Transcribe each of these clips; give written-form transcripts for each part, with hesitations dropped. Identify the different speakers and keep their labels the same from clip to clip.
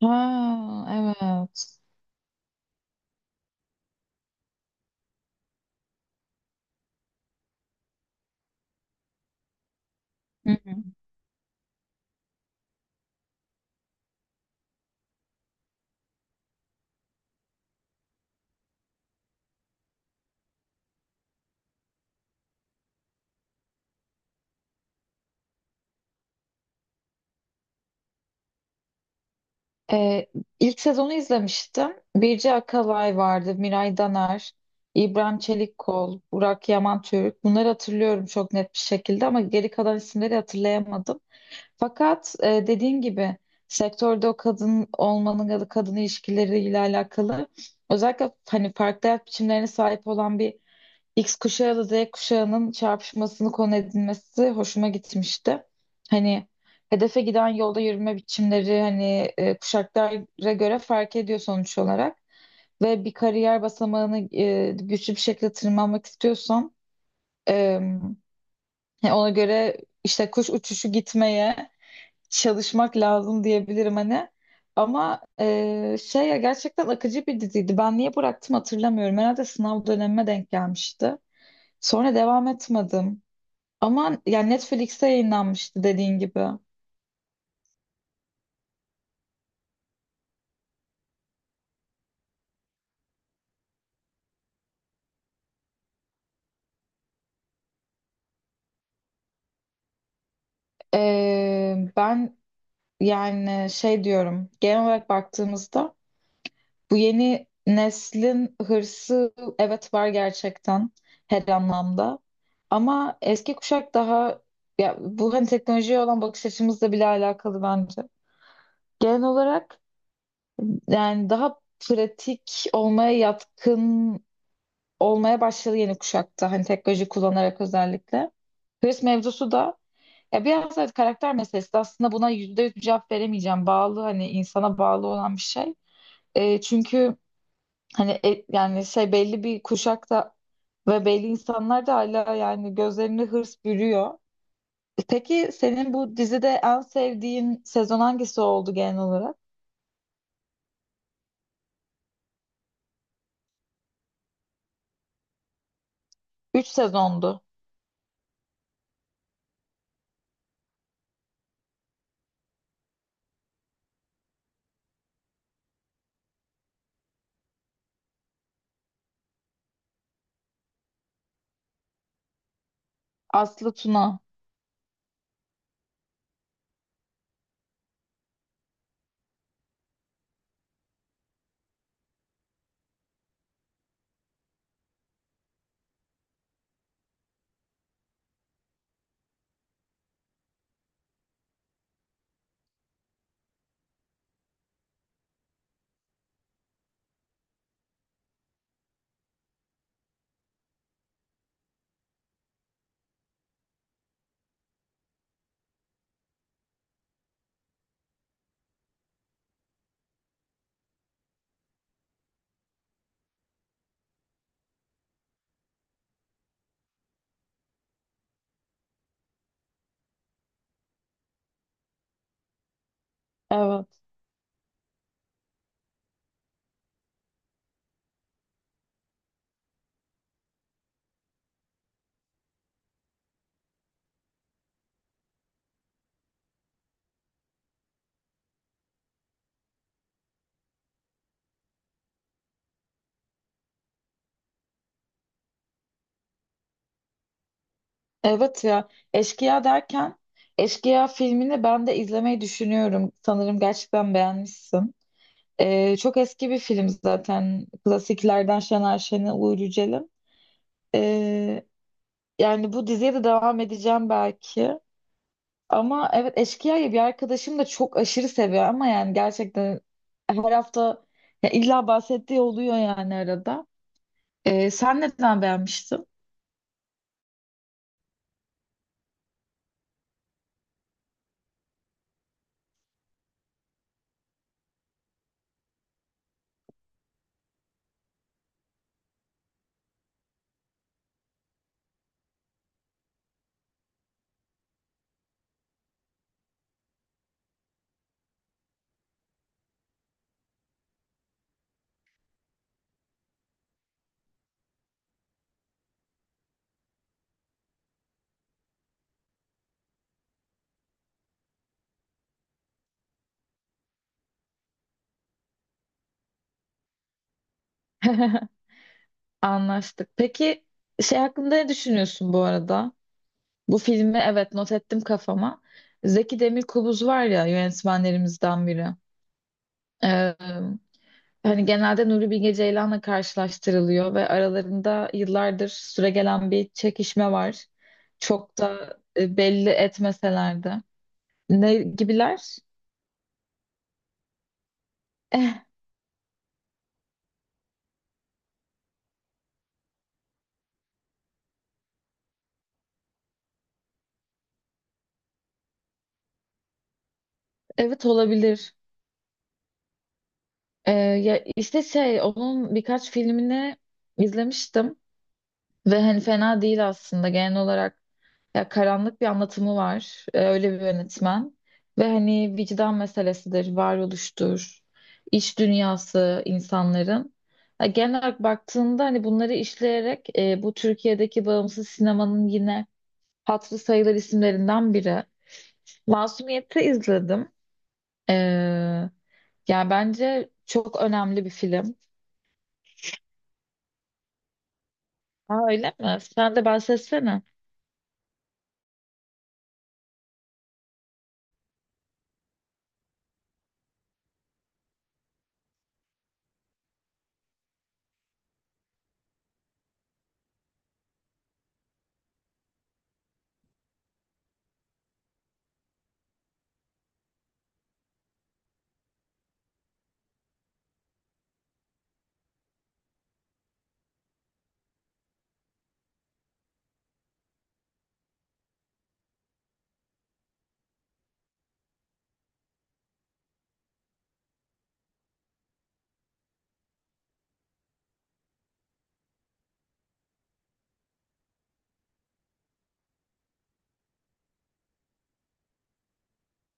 Speaker 1: Ha, evet. Hı hı. Ee, ilk sezonu izlemiştim. Birce Akalay vardı, Miray Daner, İbrahim Çelikkol, Burak Yaman Türk. Bunları hatırlıyorum çok net bir şekilde ama geri kalan isimleri hatırlayamadım. Fakat dediğin gibi sektörde o kadın olmanın ya da kadın ilişkileriyle alakalı özellikle hani farklı hayat biçimlerine sahip olan bir X kuşağı ile Z kuşağının çarpışmasını konu edinmesi hoşuma gitmişti. Hani hedefe giden yolda yürüme biçimleri hani kuşaklara göre fark ediyor sonuç olarak. Ve bir kariyer basamağını güçlü bir şekilde tırmanmak istiyorsan e, yani ona göre işte kuş uçuşu gitmeye çalışmak lazım diyebilirim hani. Ama şey ya gerçekten akıcı bir diziydi. Ben niye bıraktım hatırlamıyorum. Herhalde sınav dönemime denk gelmişti. Sonra devam etmedim. Ama yani Netflix'te yayınlanmıştı dediğin gibi. Ben yani şey diyorum genel olarak baktığımızda bu yeni neslin hırsı evet var gerçekten her anlamda. Ama eski kuşak daha ya bu hani teknolojiye olan bakış açımızla bile alakalı bence. Genel olarak yani daha pratik olmaya yatkın olmaya başladı yeni kuşakta. Hani teknoloji kullanarak özellikle. Hırs mevzusu da ya biraz evet karakter meselesi de aslında buna yüzde yüz bir cevap veremeyeceğim. Bağlı hani insana bağlı olan bir şey. Çünkü hani yani şey belli bir kuşakta ve belli insanlar da hala yani gözlerini hırs bürüyor. Peki senin bu dizide en sevdiğin sezon hangisi oldu genel olarak? 3 sezondu. Aslı Tuna. Evet. Evet ya. Eşkıya derken Eşkıya filmini ben de izlemeyi düşünüyorum. Sanırım gerçekten beğenmişsin. Çok eski bir film zaten. Klasiklerden Şener Şen'e, Uğur Yücel'in. Ee, Yani bu diziye de devam edeceğim belki. Ama evet Eşkıya'yı bir arkadaşım da çok aşırı seviyor ama yani gerçekten her hafta ya illa bahsettiği oluyor yani arada. Sen neden beğenmiştin? Anlaştık. Peki şey hakkında ne düşünüyorsun bu arada? Bu filmi evet not ettim kafama. Zeki Demirkubuz var ya yönetmenlerimizden biri. Ee, Yani genelde Nuri Bilge Ceylan'la karşılaştırılıyor ve aralarında yıllardır süregelen bir çekişme var. Çok da belli etmeseler de. Ne gibiler? Eh, evet olabilir. Ya işte şey onun birkaç filmini izlemiştim. Ve hani fena değil aslında genel olarak ya karanlık bir anlatımı var. Öyle bir yönetmen. Ve hani vicdan meselesidir, varoluştur, iç dünyası insanların. Ya genel olarak baktığında hani bunları işleyerek bu Türkiye'deki bağımsız sinemanın yine hatırı sayılır isimlerinden biri. Masumiyet'i izledim. Ee, Yani bence çok önemli bir film. Aa, öyle mi? Sen de bahsetsene.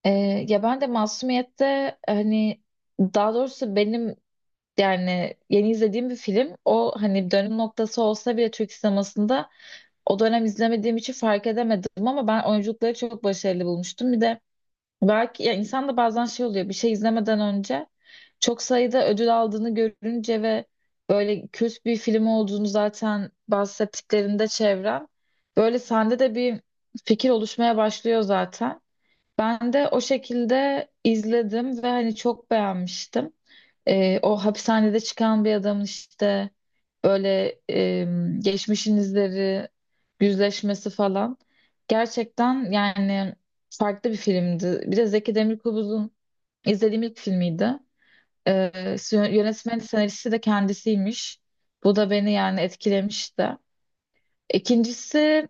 Speaker 1: Ee, Ya ben de Masumiyet'te hani daha doğrusu benim yani yeni izlediğim bir film o hani dönüm noktası olsa bile Türk sinemasında o dönem izlemediğim için fark edemedim ama ben oyunculukları çok başarılı bulmuştum. Bir de belki ya insan da bazen şey oluyor bir şey izlemeden önce çok sayıda ödül aldığını görünce ve böyle kült bir film olduğunu zaten bahsettiklerinde çevren böyle sende de bir fikir oluşmaya başlıyor zaten. Ben de o şekilde izledim ve hani çok beğenmiştim. O hapishanede çıkan bir adamın işte böyle geçmişin izleri, yüzleşmesi falan. Gerçekten yani farklı bir filmdi. Bir de Zeki Demirkubuz'un izlediğim ilk filmiydi. Ee, Yönetmeni, senaristi de kendisiymiş. Bu da beni yani etkilemişti. İkincisi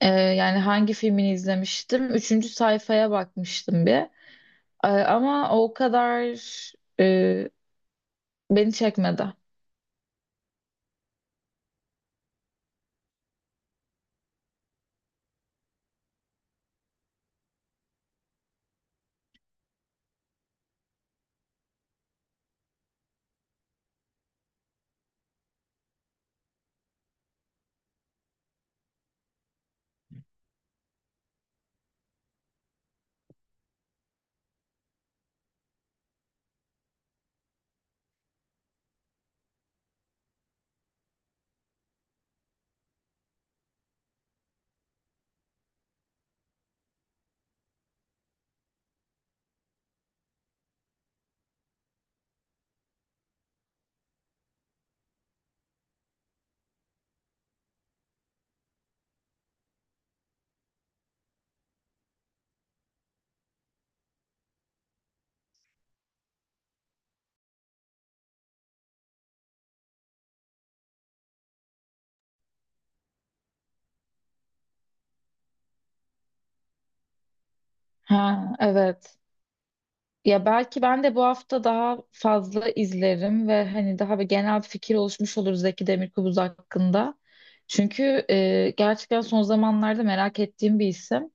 Speaker 1: yani hangi filmini izlemiştim? Üçüncü sayfaya bakmıştım bir. Ama o kadar e, beni çekmedi. Ha, evet. Ya belki ben de bu hafta daha fazla izlerim ve hani daha bir genel bir fikir oluşmuş olur Zeki Demirkubuz hakkında. Çünkü gerçekten son zamanlarda merak ettiğim bir isim.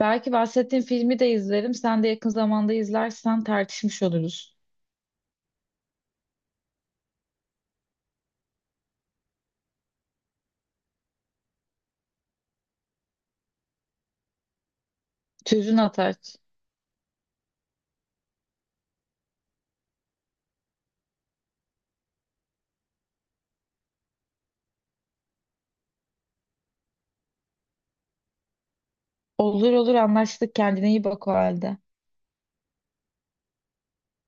Speaker 1: Belki bahsettiğim filmi de izlerim. Sen de yakın zamanda izlersen tartışmış oluruz. Tüzün Ataç. Olur olur anlaştık. Kendine iyi bak o halde.